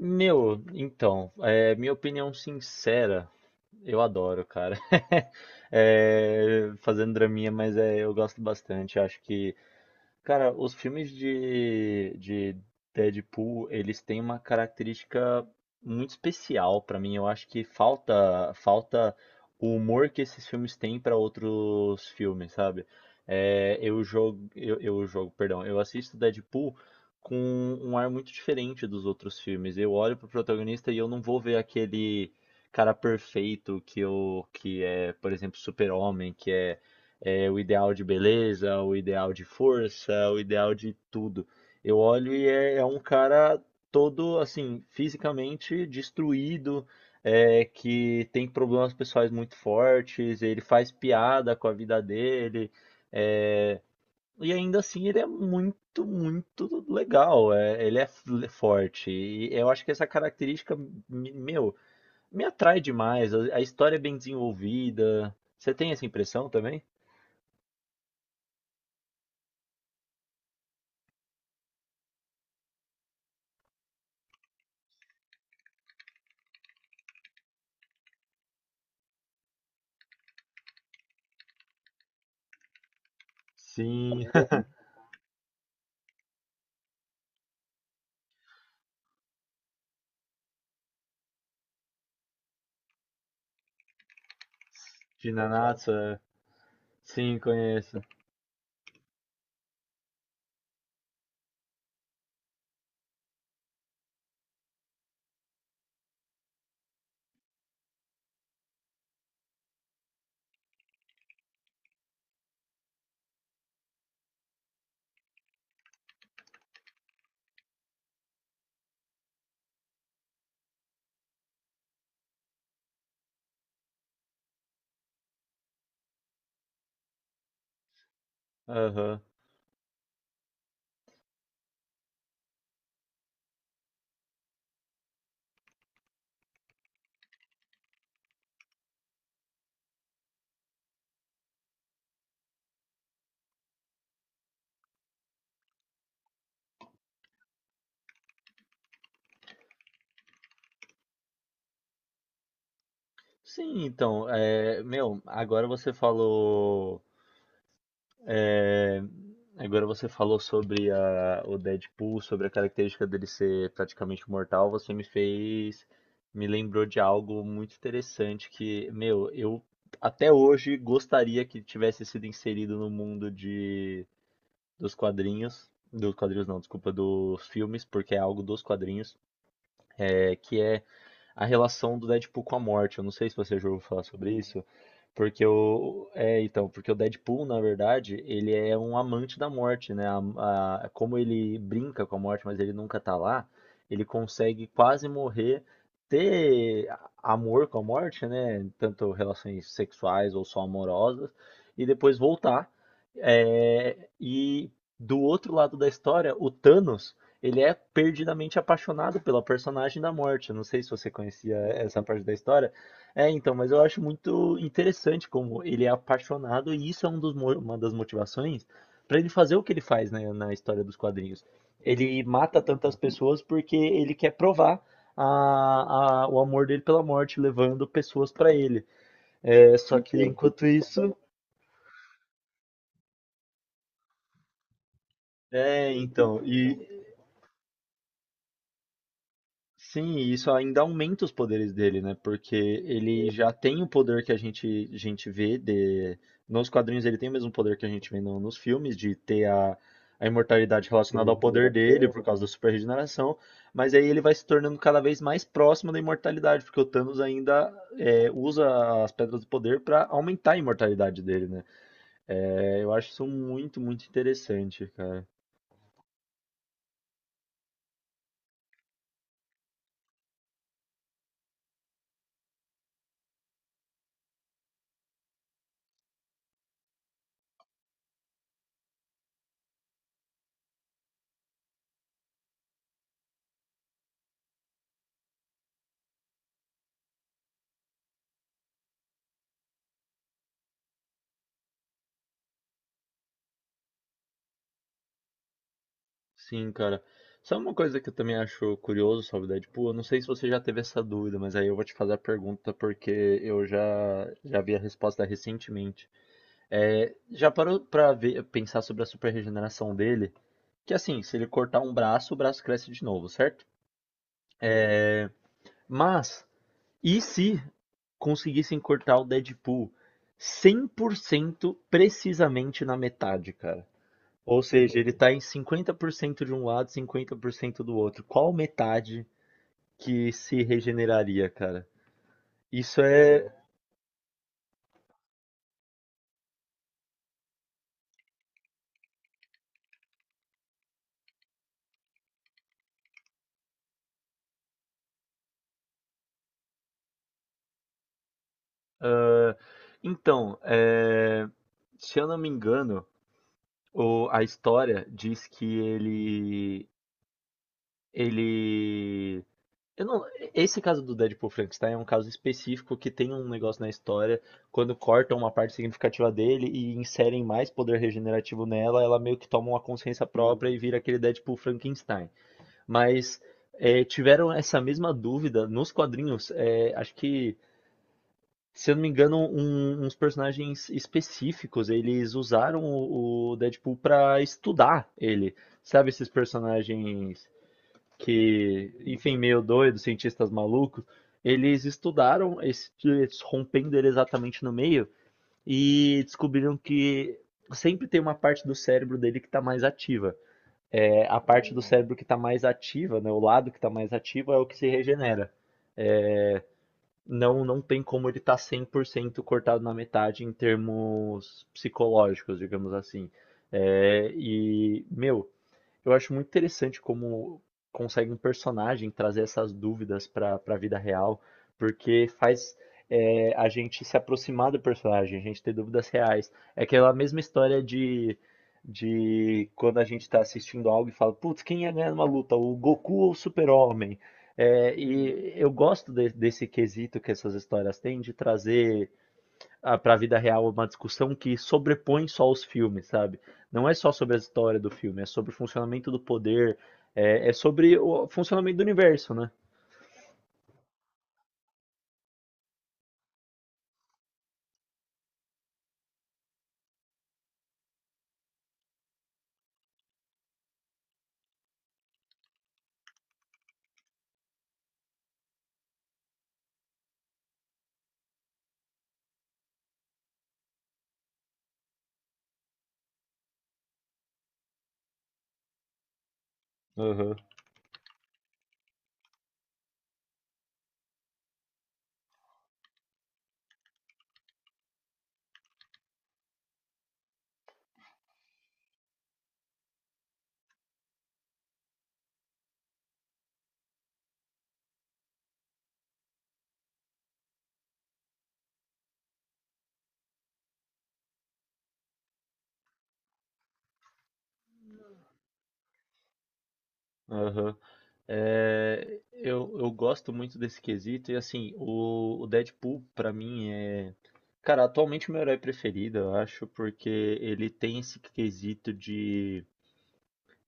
Meu, então, minha opinião sincera, eu adoro, cara. Fazendo draminha, mas eu gosto bastante. Acho que Cara, os filmes de Deadpool, eles têm uma característica muito especial pra mim. Eu acho que falta o humor que esses filmes têm pra outros filmes, sabe? É, eu jogo, perdão, Eu assisto Deadpool com um ar muito diferente dos outros filmes. Eu olho pro protagonista e eu não vou ver aquele cara perfeito que é, por exemplo, Super-Homem, que é o ideal de beleza, o ideal de força, o ideal de tudo. Eu olho e é um cara todo assim, fisicamente destruído, que tem problemas pessoais muito fortes, ele faz piada com a vida dele, é, e ainda assim ele é muito, muito legal, ele é forte. E eu acho que essa característica, me- meu, me atrai demais. A história é bem desenvolvida. Você tem essa impressão também? Sim. De Nanatsu, é. Sim, conheço. Aham. Sim, então, é, agora você falou sobre o Deadpool, sobre a característica dele ser praticamente mortal, você me fez, me lembrou de algo muito interessante que, meu, eu até hoje gostaria que tivesse sido inserido no mundo dos quadrinhos não, desculpa, dos filmes, porque é algo dos quadrinhos, que é a relação do Deadpool com a morte. Eu não sei se você já ouviu falar sobre isso, porque o Deadpool, na verdade, ele é um amante da morte, né? Como ele brinca com a morte, mas ele nunca tá lá, ele consegue quase morrer, ter amor com a morte, né? Tanto relações sexuais ou só amorosas, e depois voltar. E do outro lado da história, o Thanos, ele é perdidamente apaixonado pela personagem da Morte. Eu não sei se você conhecia essa parte da história. Então, mas eu acho muito interessante como ele é apaixonado e isso é uma das motivações para ele fazer o que ele faz, né, na história dos quadrinhos. Ele mata tantas pessoas porque ele quer provar o amor dele pela Morte, levando pessoas para ele. Só que enquanto isso, então, sim, e isso ainda aumenta os poderes dele, né? Porque ele já tem o poder que a gente vê de. Nos quadrinhos ele tem o mesmo poder que a gente vê nos filmes, de ter a imortalidade relacionada ao poder dele por causa da super regeneração, mas aí ele vai se tornando cada vez mais próximo da imortalidade, porque o Thanos ainda usa as pedras do poder para aumentar a imortalidade dele, né? Eu acho isso muito, muito interessante, cara. Sim, cara. Sabe uma coisa que eu também acho curioso sobre Deadpool? Eu não sei se você já teve essa dúvida, mas aí eu vou te fazer a pergunta porque eu já vi a resposta recentemente. Já parou pra ver, pensar sobre a super regeneração dele? Que assim, se ele cortar um braço, o braço cresce de novo, certo? É, Mas, se conseguissem cortar o Deadpool 100% precisamente na metade, cara? Ou seja, ele tá em 50% de um lado, 50% do outro. Qual metade que se regeneraria, cara? Isso é. ah, então, se eu não me engano, a história diz que ele. Ele. Eu não, esse caso do Deadpool Frankenstein é um caso específico que tem um negócio na história, quando cortam uma parte significativa dele e inserem mais poder regenerativo nela, ela meio que toma uma consciência própria e vira aquele Deadpool Frankenstein. Mas tiveram essa mesma dúvida nos quadrinhos. É, acho que Se eu não me engano, uns personagens específicos, eles usaram o Deadpool pra estudar ele. Sabe esses personagens que, enfim, meio doidos, cientistas malucos? Eles estudaram eles rompendo ele exatamente no meio e descobriram que sempre tem uma parte do cérebro dele que tá mais ativa. A parte do cérebro que tá mais ativa, né, o lado que tá mais ativo é o que se regenera. É, não tem como ele estar 100% cortado na metade em termos psicológicos, digamos assim. É, e, meu, eu acho muito interessante como consegue um personagem trazer essas dúvidas para a vida real, porque faz, a gente se aproximar do personagem, a gente ter dúvidas reais. É aquela mesma história de, quando a gente está assistindo algo e fala, putz, quem ia ganhar numa luta, o Goku ou o Super-Homem? E eu gosto desse quesito que essas histórias têm de trazer para a vida real, é uma discussão que sobrepõe só os filmes, sabe? Não é só sobre a história do filme, é sobre o funcionamento do poder, é sobre o funcionamento do universo, né? Aham, aham. Eu gosto muito desse quesito, e assim, o Deadpool, pra mim, é. Cara, atualmente o meu herói preferido, eu acho, porque ele tem esse quesito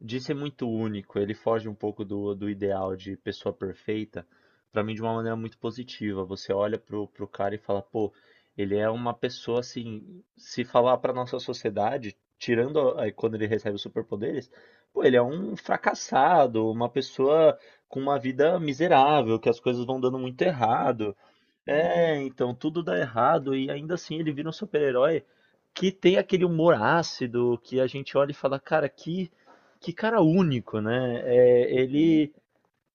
de ser muito único. Ele foge um pouco do ideal de pessoa perfeita, pra mim de uma maneira muito positiva. Você olha pro cara e fala, pô, ele é uma pessoa assim, se falar pra nossa sociedade, tirando aí quando ele recebe os superpoderes, pô, ele é um fracassado, uma pessoa com uma vida miserável, que as coisas vão dando muito errado. É, então tudo dá errado e ainda assim ele vira um super-herói que tem aquele humor ácido que a gente olha e fala, cara, que cara único, né?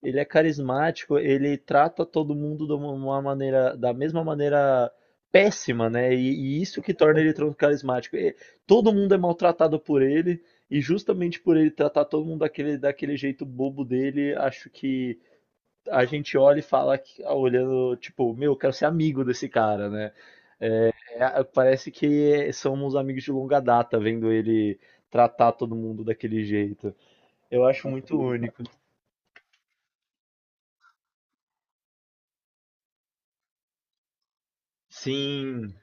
Ele é carismático, ele trata todo mundo de uma maneira, da mesma maneira péssima, né? E isso que torna ele tão carismático. E todo mundo é maltratado por ele, e justamente por ele tratar todo mundo daquele jeito bobo dele, acho que a gente olha e fala, olhando, tipo, meu, eu quero ser amigo desse cara, né? Parece que somos amigos de longa data, vendo ele tratar todo mundo daquele jeito. Eu acho muito único. Sim,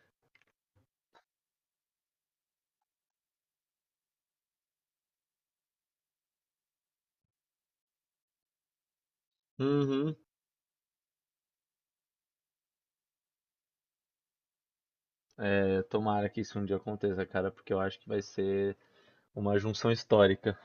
uhum. Tomara que isso um dia aconteça, cara, porque eu acho que vai ser uma junção histórica.